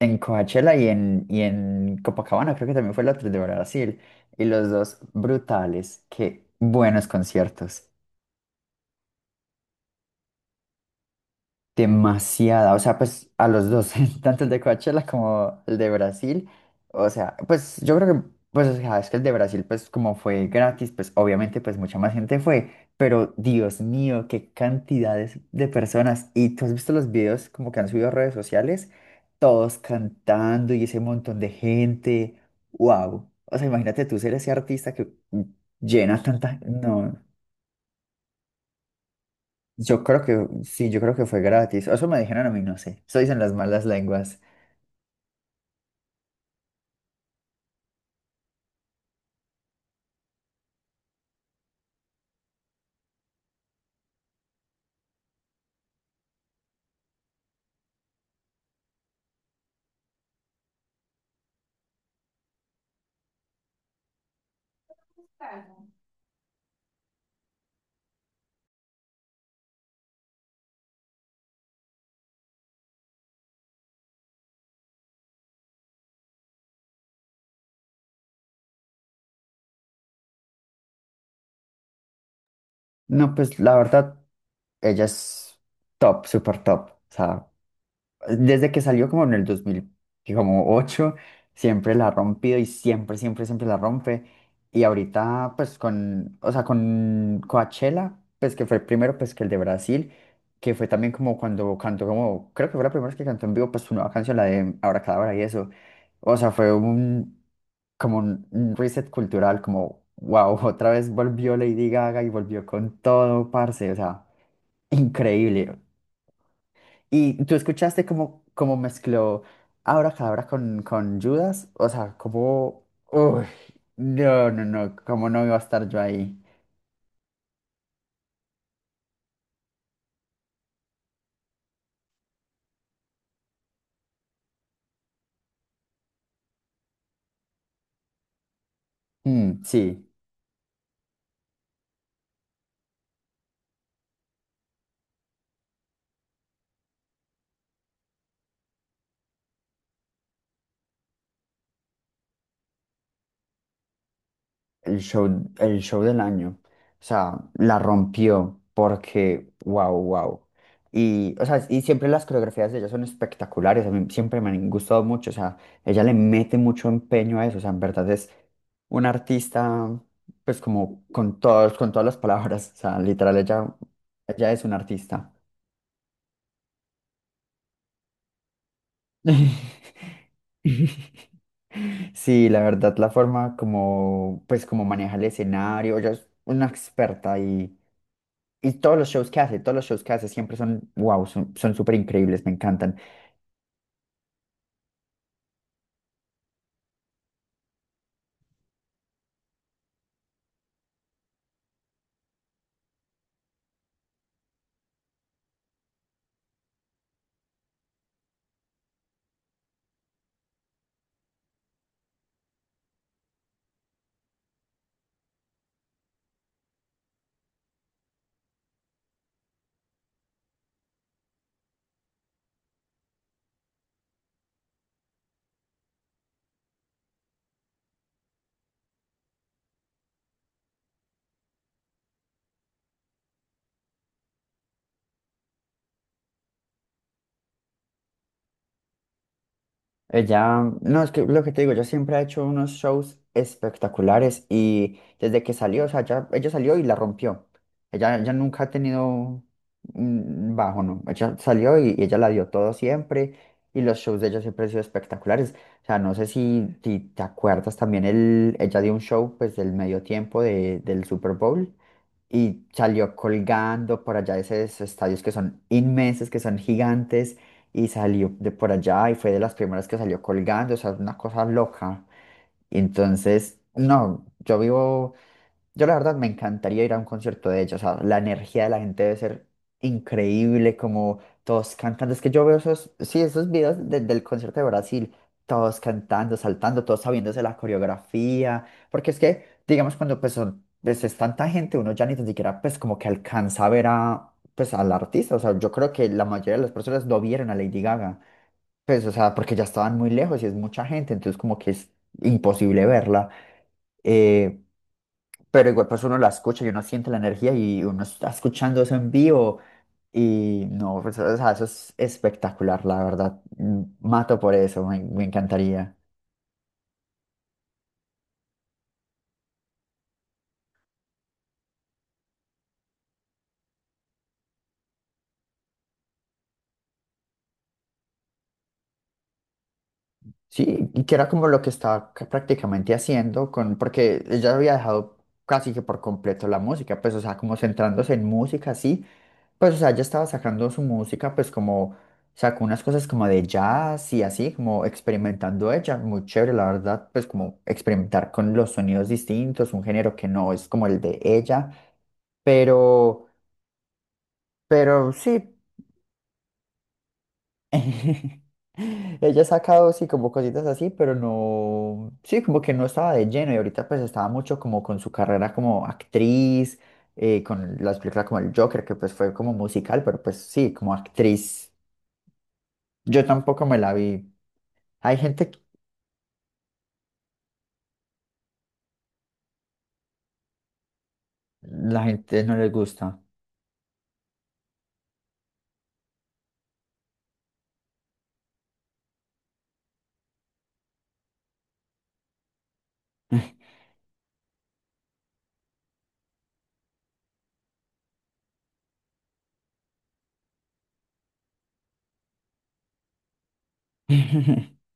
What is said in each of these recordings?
En Coachella y en Copacabana, creo que también fue el otro de Brasil. Y los dos brutales, qué buenos conciertos. Demasiada, o sea, pues a los dos, tanto el de Coachella como el de Brasil, o sea, pues yo creo que, pues, o sea, es que el de Brasil, pues como fue gratis, pues obviamente, pues mucha más gente fue, pero Dios mío, qué cantidades de personas, y tú has visto los videos como que han subido a redes sociales, todos cantando y ese montón de gente, wow, o sea, imagínate tú ser ese artista que llena tanta, no. Yo creo que sí, yo creo que fue gratis. Eso me dijeron a mí, no sé. Eso dicen las malas lenguas. No, pues la verdad, ella es top, súper top. O sea, desde que salió como en el 2008 siempre la ha rompido y siempre, siempre, siempre la rompe. Y ahorita, pues con, o sea, con Coachella, pues que fue el primero, pues que el de Brasil, que fue también como cuando cantó como, creo que fue la primera vez que cantó en vivo, pues su nueva canción, la de Abracadabra y eso. O sea, fue un, como un reset cultural, como, wow, otra vez volvió Lady Gaga y volvió con todo, parce, o sea, increíble. Y tú escuchaste cómo mezcló Abracadabra con Judas, o sea, como, uy, no, no, no, cómo no iba a estar yo ahí. Mm, sí. El show, el show del año. O sea, la rompió porque, wow, wow. Y, o sea, y siempre las coreografías de ella son espectaculares, a mí siempre me han gustado mucho, o sea, ella le mete mucho empeño a eso, o sea, en verdad es una artista, pues como con todos, con todas las palabras, o sea, literal, ella es una artista. Sí, la verdad, la forma como, pues, como maneja el escenario, ella es una experta y todos los shows que hace, todos los shows que hace siempre son, wow, son súper increíbles, me encantan. Ella, no, es que lo que te digo, ella siempre ha hecho unos shows espectaculares y desde que salió, o sea, ya, ella salió y la rompió. Ella, ya nunca ha tenido un bajo, ¿no? Ella salió y ella la dio todo siempre y los shows de ella siempre han sido espectaculares. O sea, no sé si te acuerdas también, ella dio un show pues del medio tiempo del Super Bowl y salió colgando por allá de esos estadios que son inmensos, que son gigantes y salió de por allá y fue de las primeras que salió colgando, o sea, una cosa loca. Y entonces, no, yo la verdad me encantaría ir a un concierto de ella, o sea, la energía de la gente debe ser increíble, como todos cantando, es que yo veo esos, sí, esos videos del concierto de Brasil, todos cantando, saltando, todos sabiéndose la coreografía, porque es que, digamos, cuando pues son, pues es tanta gente, uno ya ni tan siquiera pues como que alcanza a ver a pues al artista, o sea, yo creo que la mayoría de las personas no vieron a Lady Gaga. Pues, o sea, porque ya estaban muy lejos y es mucha gente, entonces como que es imposible verla. eh, pero igual pues uno la escucha y uno siente la energía y uno está escuchando eso en vivo y no, pues, o sea, eso es espectacular, la verdad. Mato por eso, me encantaría. Sí, y que era como lo que estaba prácticamente haciendo con, porque ella había dejado casi que por completo la música, pues, o sea, como centrándose en música, sí. Pues, o sea, ella estaba sacando su música, pues como sacó unas cosas como de jazz y así, como experimentando ella, muy chévere, la verdad, pues como experimentar con los sonidos distintos, un género que no es como el de ella, pero, pero, sí, ella ha sacado, sí, como cositas así, pero no, sí, como que no estaba de lleno y ahorita pues estaba mucho como con su carrera como actriz, con las películas como el Joker, que pues fue como musical, pero pues sí, como actriz. Yo tampoco me la vi. Hay gente. La gente no les gusta.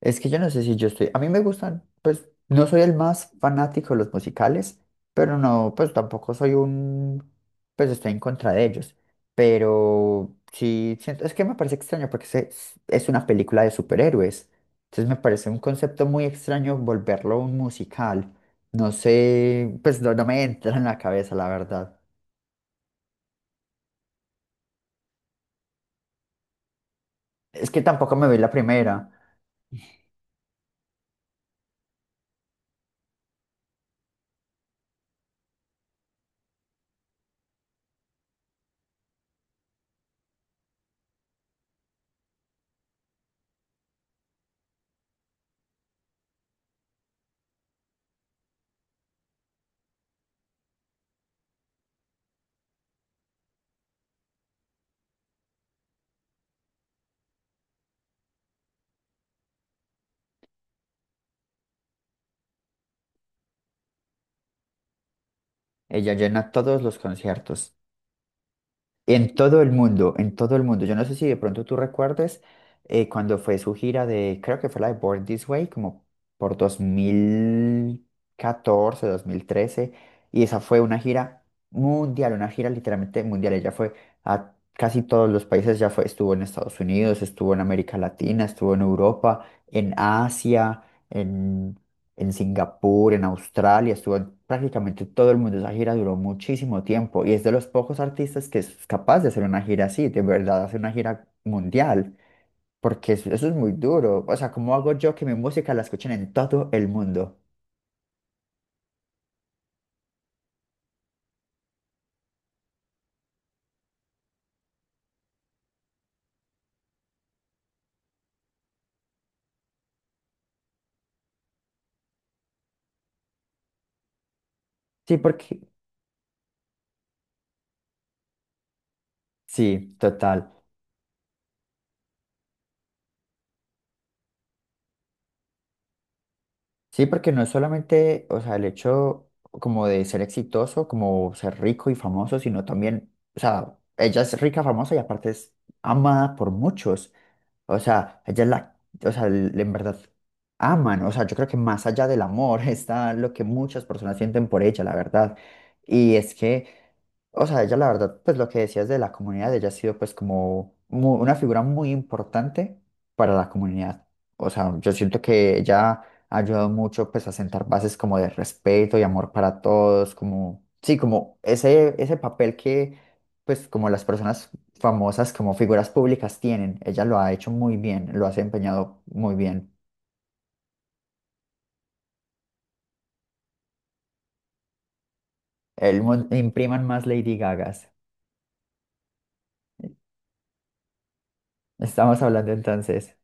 Es que yo no sé si yo estoy, a mí me gustan, pues no soy el más fanático de los musicales, pero no, pues tampoco soy un, pues estoy en contra de ellos. Pero sí, siento, es que me parece extraño porque es una película de superhéroes. Entonces me parece un concepto muy extraño volverlo un musical. No sé, pues no, no me entra en la cabeza, la verdad. Es que tampoco me vi la primera. Ella llena todos los conciertos. En todo el mundo, en todo el mundo. Yo no sé si de pronto tú recuerdes cuando fue su gira de, creo que fue la de Born This Way, como por dos mil catorce, 2013. Y esa fue una gira mundial, una gira literalmente mundial. Ella fue a casi todos los países, ya fue, estuvo en Estados Unidos, estuvo en América Latina, estuvo en Europa, en Asia, en Singapur, en Australia, estuvo en prácticamente todo el mundo. Esa gira duró muchísimo tiempo y es de los pocos artistas que es capaz de hacer una gira así, de verdad, hacer una gira mundial, porque eso, es muy duro. O sea, ¿cómo hago yo que mi música la escuchen en todo el mundo? Sí, porque, sí, total. Sí, porque no es solamente, o sea, el hecho como de ser exitoso, como ser rico y famoso, sino también, o sea, ella es rica, famosa y aparte es amada por muchos. O sea, ella es la, o sea, en verdad aman, o sea, yo creo que más allá del amor está lo que muchas personas sienten por ella, la verdad. Y es que, o sea, ella la verdad, pues lo que decías de la comunidad, ella ha sido pues como una figura muy importante para la comunidad. O sea, yo siento que ella ha ayudado mucho pues a sentar bases como de respeto y amor para todos, como, sí, como ese, papel que pues como las personas famosas como figuras públicas tienen. Ella lo ha hecho muy bien, lo ha desempeñado muy bien. Impriman más Lady Gagas. Estamos hablando entonces.